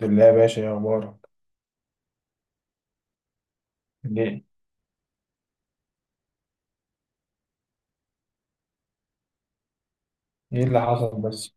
بالله يا باشا، ايه اخبارك؟ ليه؟ ايه اللي حصل بس؟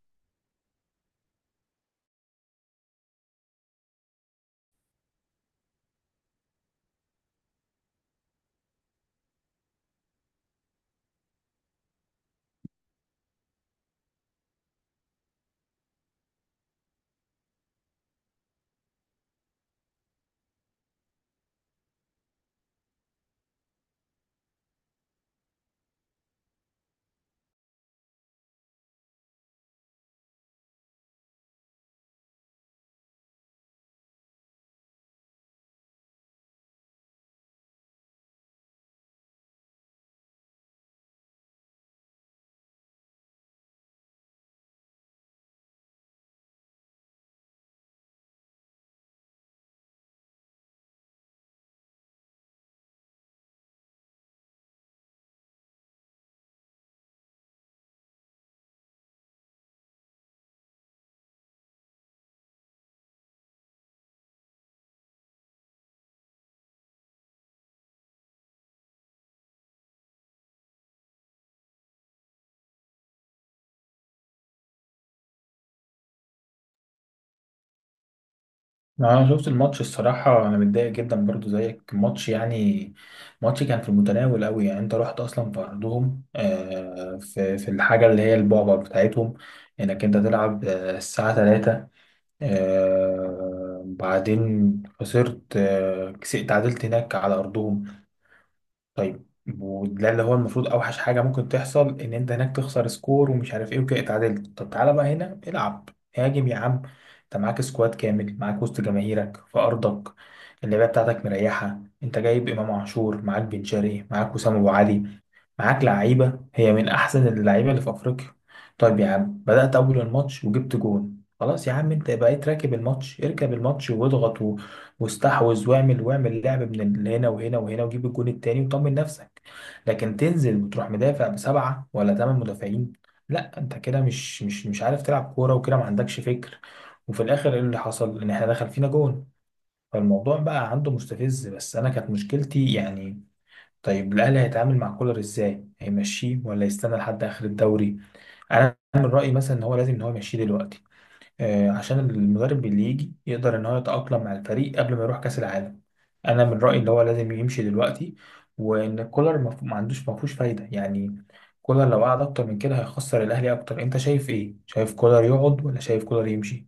انا شفت الماتش، الصراحه انا متضايق جدا برضو زيك. الماتش يعني ماتش كان في المتناول قوي. يعني انت رحت اصلا في ارضهم، في الحاجه اللي هي البعبع بتاعتهم، انك انت تلعب الساعه 3. بعدين خسرت، تعادلت هناك على ارضهم. طيب، وده اللي هو المفروض اوحش حاجه ممكن تحصل، ان انت هناك تخسر سكور ومش عارف ايه وكده اتعادلت. طب تعالى بقى هنا العب، هاجم يا عم. انت معاك سكواد كامل، معاك وسط جماهيرك في ارضك، اللعيبه بتاعتك مريحه، انت جايب امام عاشور، معاك بن شرقي، معاك وسام ابو علي، معاك لعيبه هي من احسن اللعيبه اللي في افريقيا. طيب يا عم، بدات اول الماتش وجبت جون، خلاص يا عم، انت بقيت راكب الماتش. اركب الماتش واضغط واستحوذ واعمل لعب من هنا وهنا وهنا، وجيب الجون التاني وطمن نفسك. لكن تنزل وتروح مدافع بسبعة ولا تمن مدافعين؟ لا، انت كده مش عارف تلعب كورة، وكده ما عندكش فكر. وفي الاخر ايه اللي حصل؟ ان احنا دخل فينا جون. فالموضوع بقى عنده مستفز، بس انا كانت مشكلتي يعني. طيب الاهلي هيتعامل مع كولر ازاي؟ هيمشيه ولا يستنى لحد اخر الدوري؟ انا من رايي مثلا ان هو لازم ان هو يمشيه دلوقتي، عشان المدرب اللي يجي يقدر ان هو يتأقلم مع الفريق قبل ما يروح كأس العالم. انا من رأيي ان هو لازم يمشي دلوقتي، وان كولر ما عندوش، ما فيهوش فايدة يعني. كولر لو قعد اكتر من كده هيخسر الاهلي اكتر. انت شايف ايه؟ شايف كولر يقعد ولا شايف كولر يمشي؟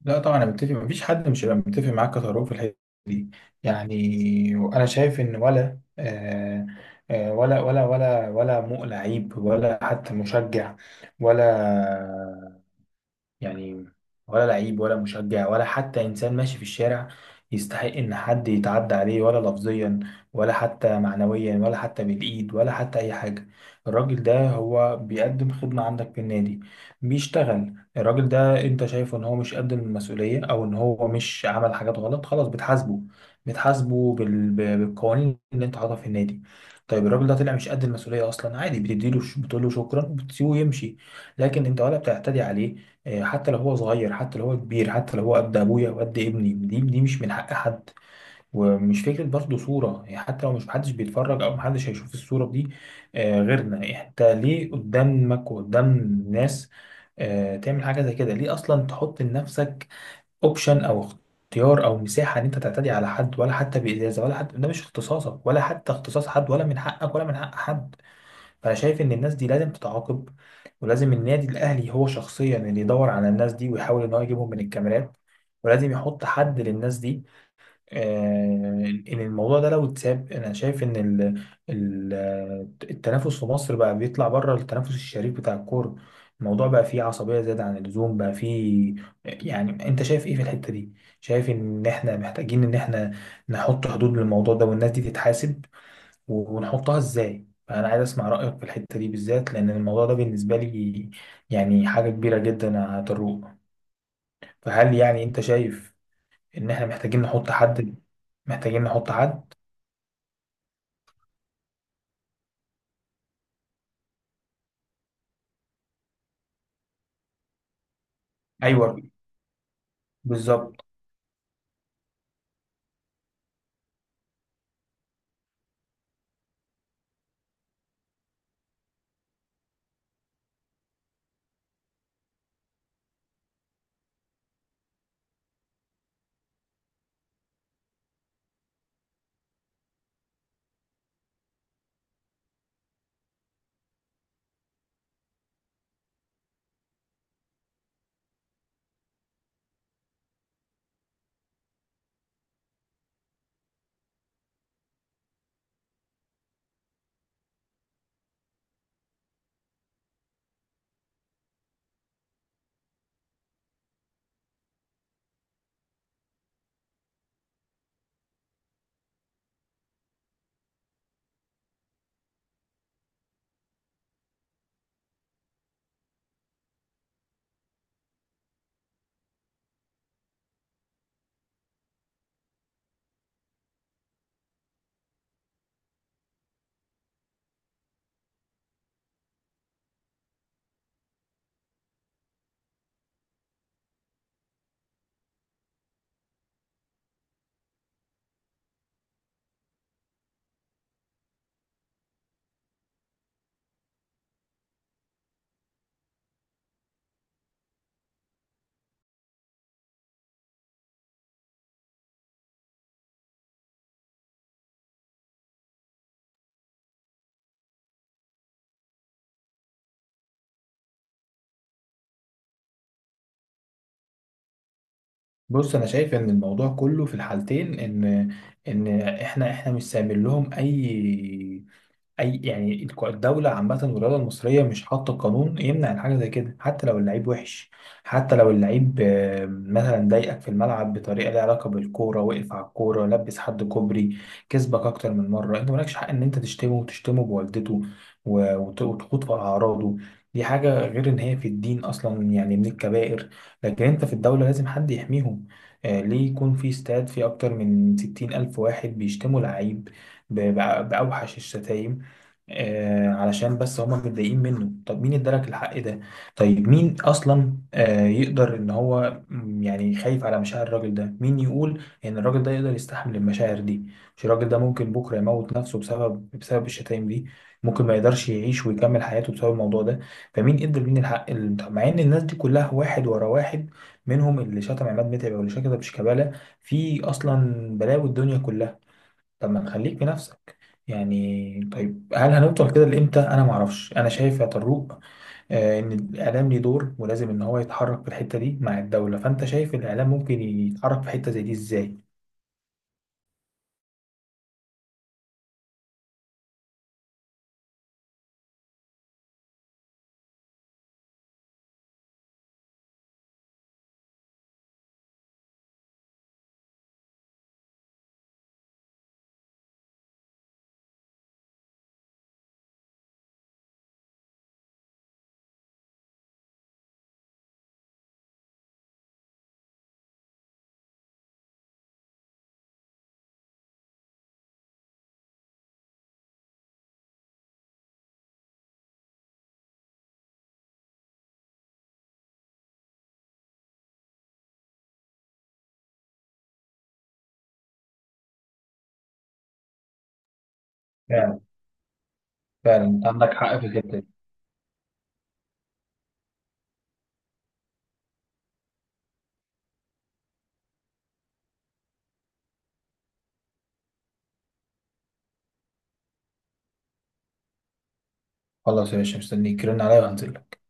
لا طبعا انا متفق، مفيش حد مش هيبقى متفق معاك يا طارق في الحته دي. يعني انا شايف ان ولا مو لعيب ولا حتى مشجع، ولا، يعني، ولا لعيب ولا مشجع ولا حتى إنسان ماشي في الشارع يستحق إن حد يتعدى عليه، ولا لفظيا ولا حتى معنويا ولا حتى بالإيد ولا حتى أي حاجة. الراجل ده هو بيقدم خدمة عندك في النادي، بيشتغل. الراجل ده أنت شايفه إن هو مش قد المسؤولية أو إن هو مش عمل حاجات غلط، خلاص بتحاسبه. بالقوانين اللي أنت حاططها في النادي. طيب الراجل ده طلع مش قد المسؤولية أصلا، عادي، بتديله بتقول له شكرا وبتسيبه يمشي. لكن أنت ولا بتعتدي عليه. حتى لو هو صغير، حتى لو هو كبير، حتى لو هو قد ابويا وقد ابني، دي مش من حق حد. ومش فكره برضه صوره يعني، حتى لو مش محدش بيتفرج او محدش هيشوف الصوره دي غيرنا. يعني انت ليه قدامك وقدام الناس تعمل حاجه زي كده؟ ليه اصلا تحط لنفسك اوبشن او اختيار او مساحه ان انت تعتدي على حد، ولا حتى بازازه، ولا حتى، ده مش اختصاصك ولا حتى اختصاص حد، ولا من حقك ولا من حق حد. فانا شايف ان الناس دي لازم تتعاقب، ولازم النادي الاهلي هو شخصيا اللي يدور على الناس دي ويحاول ان هو يجيبهم من الكاميرات، ولازم يحط حد للناس دي. آه، ان الموضوع ده لو اتساب، انا شايف ان ال- التنافس في مصر بقى بيطلع بره التنافس الشريف بتاع الكوره. الموضوع بقى فيه عصبيه زياده عن اللزوم، بقى فيه، يعني. انت شايف ايه في الحته دي؟ شايف ان احنا محتاجين ان احنا نحط حدود للموضوع ده والناس دي تتحاسب؟ ونحطها ازاي؟ فانا عايز اسمع رايك في الحته دي بالذات، لان الموضوع ده بالنسبه لي يعني حاجه كبيره جدا، هتروق. فهل يعني انت شايف ان احنا محتاجين نحط حد؟ محتاجين نحط حد؟ ايوه، بالظبط. بص، انا شايف ان الموضوع كله في الحالتين، ان ان احنا مش سامين لهم، اي، اي يعني الدوله عامه والرياضه المصريه مش حاطه قانون يمنع عن حاجه زي كده. حتى لو اللعيب وحش، حتى لو اللعيب مثلا ضايقك في الملعب بطريقه ليها علاقه بالكوره، وقف على الكوره، لبس حد كوبري، كسبك اكتر من مره، انت مالكش حق ان انت تشتمه وتشتمه بوالدته، و وتخوض في اعراضه. دي حاجه، غير ان هي في الدين اصلا يعني من الكبائر. لكن انت في الدوله لازم حد يحميهم. ليه يكون في استاد فيه اكتر من 60 الف واحد بيشتموا لعيب بأوحش الشتايم علشان بس هما متضايقين منه؟ طب مين ادالك الحق ده؟ طيب مين اصلا يقدر ان هو، يعني، خايف على مشاعر الراجل ده؟ مين يقول ان الراجل ده يقدر يستحمل المشاعر دي؟ مش الراجل ده ممكن بكره يموت نفسه بسبب الشتايم دي؟ ممكن ما يقدرش يعيش ويكمل حياته بسبب الموضوع ده. فمين ادى مين الحق؟ طب مع ان الناس دي كلها واحد ورا واحد، منهم اللي شتم عماد متعب واللي شتم شيكابالا، في اصلا بلاوي الدنيا كلها. طب ما نخليك في نفسك يعني. طيب هل هنفضل كده لامتى؟ انا ما اعرفش. انا شايف يا طروق ان الاعلام ليه دور ولازم ان هو يتحرك في الحته دي مع الدوله. فانت شايف الاعلام ممكن يتحرك في حته زي دي ازاي؟ فعلا. فعلا عندك حق في الحته دي. خلاص يا باشا، مستنيك، رن عليا وهنزل لك.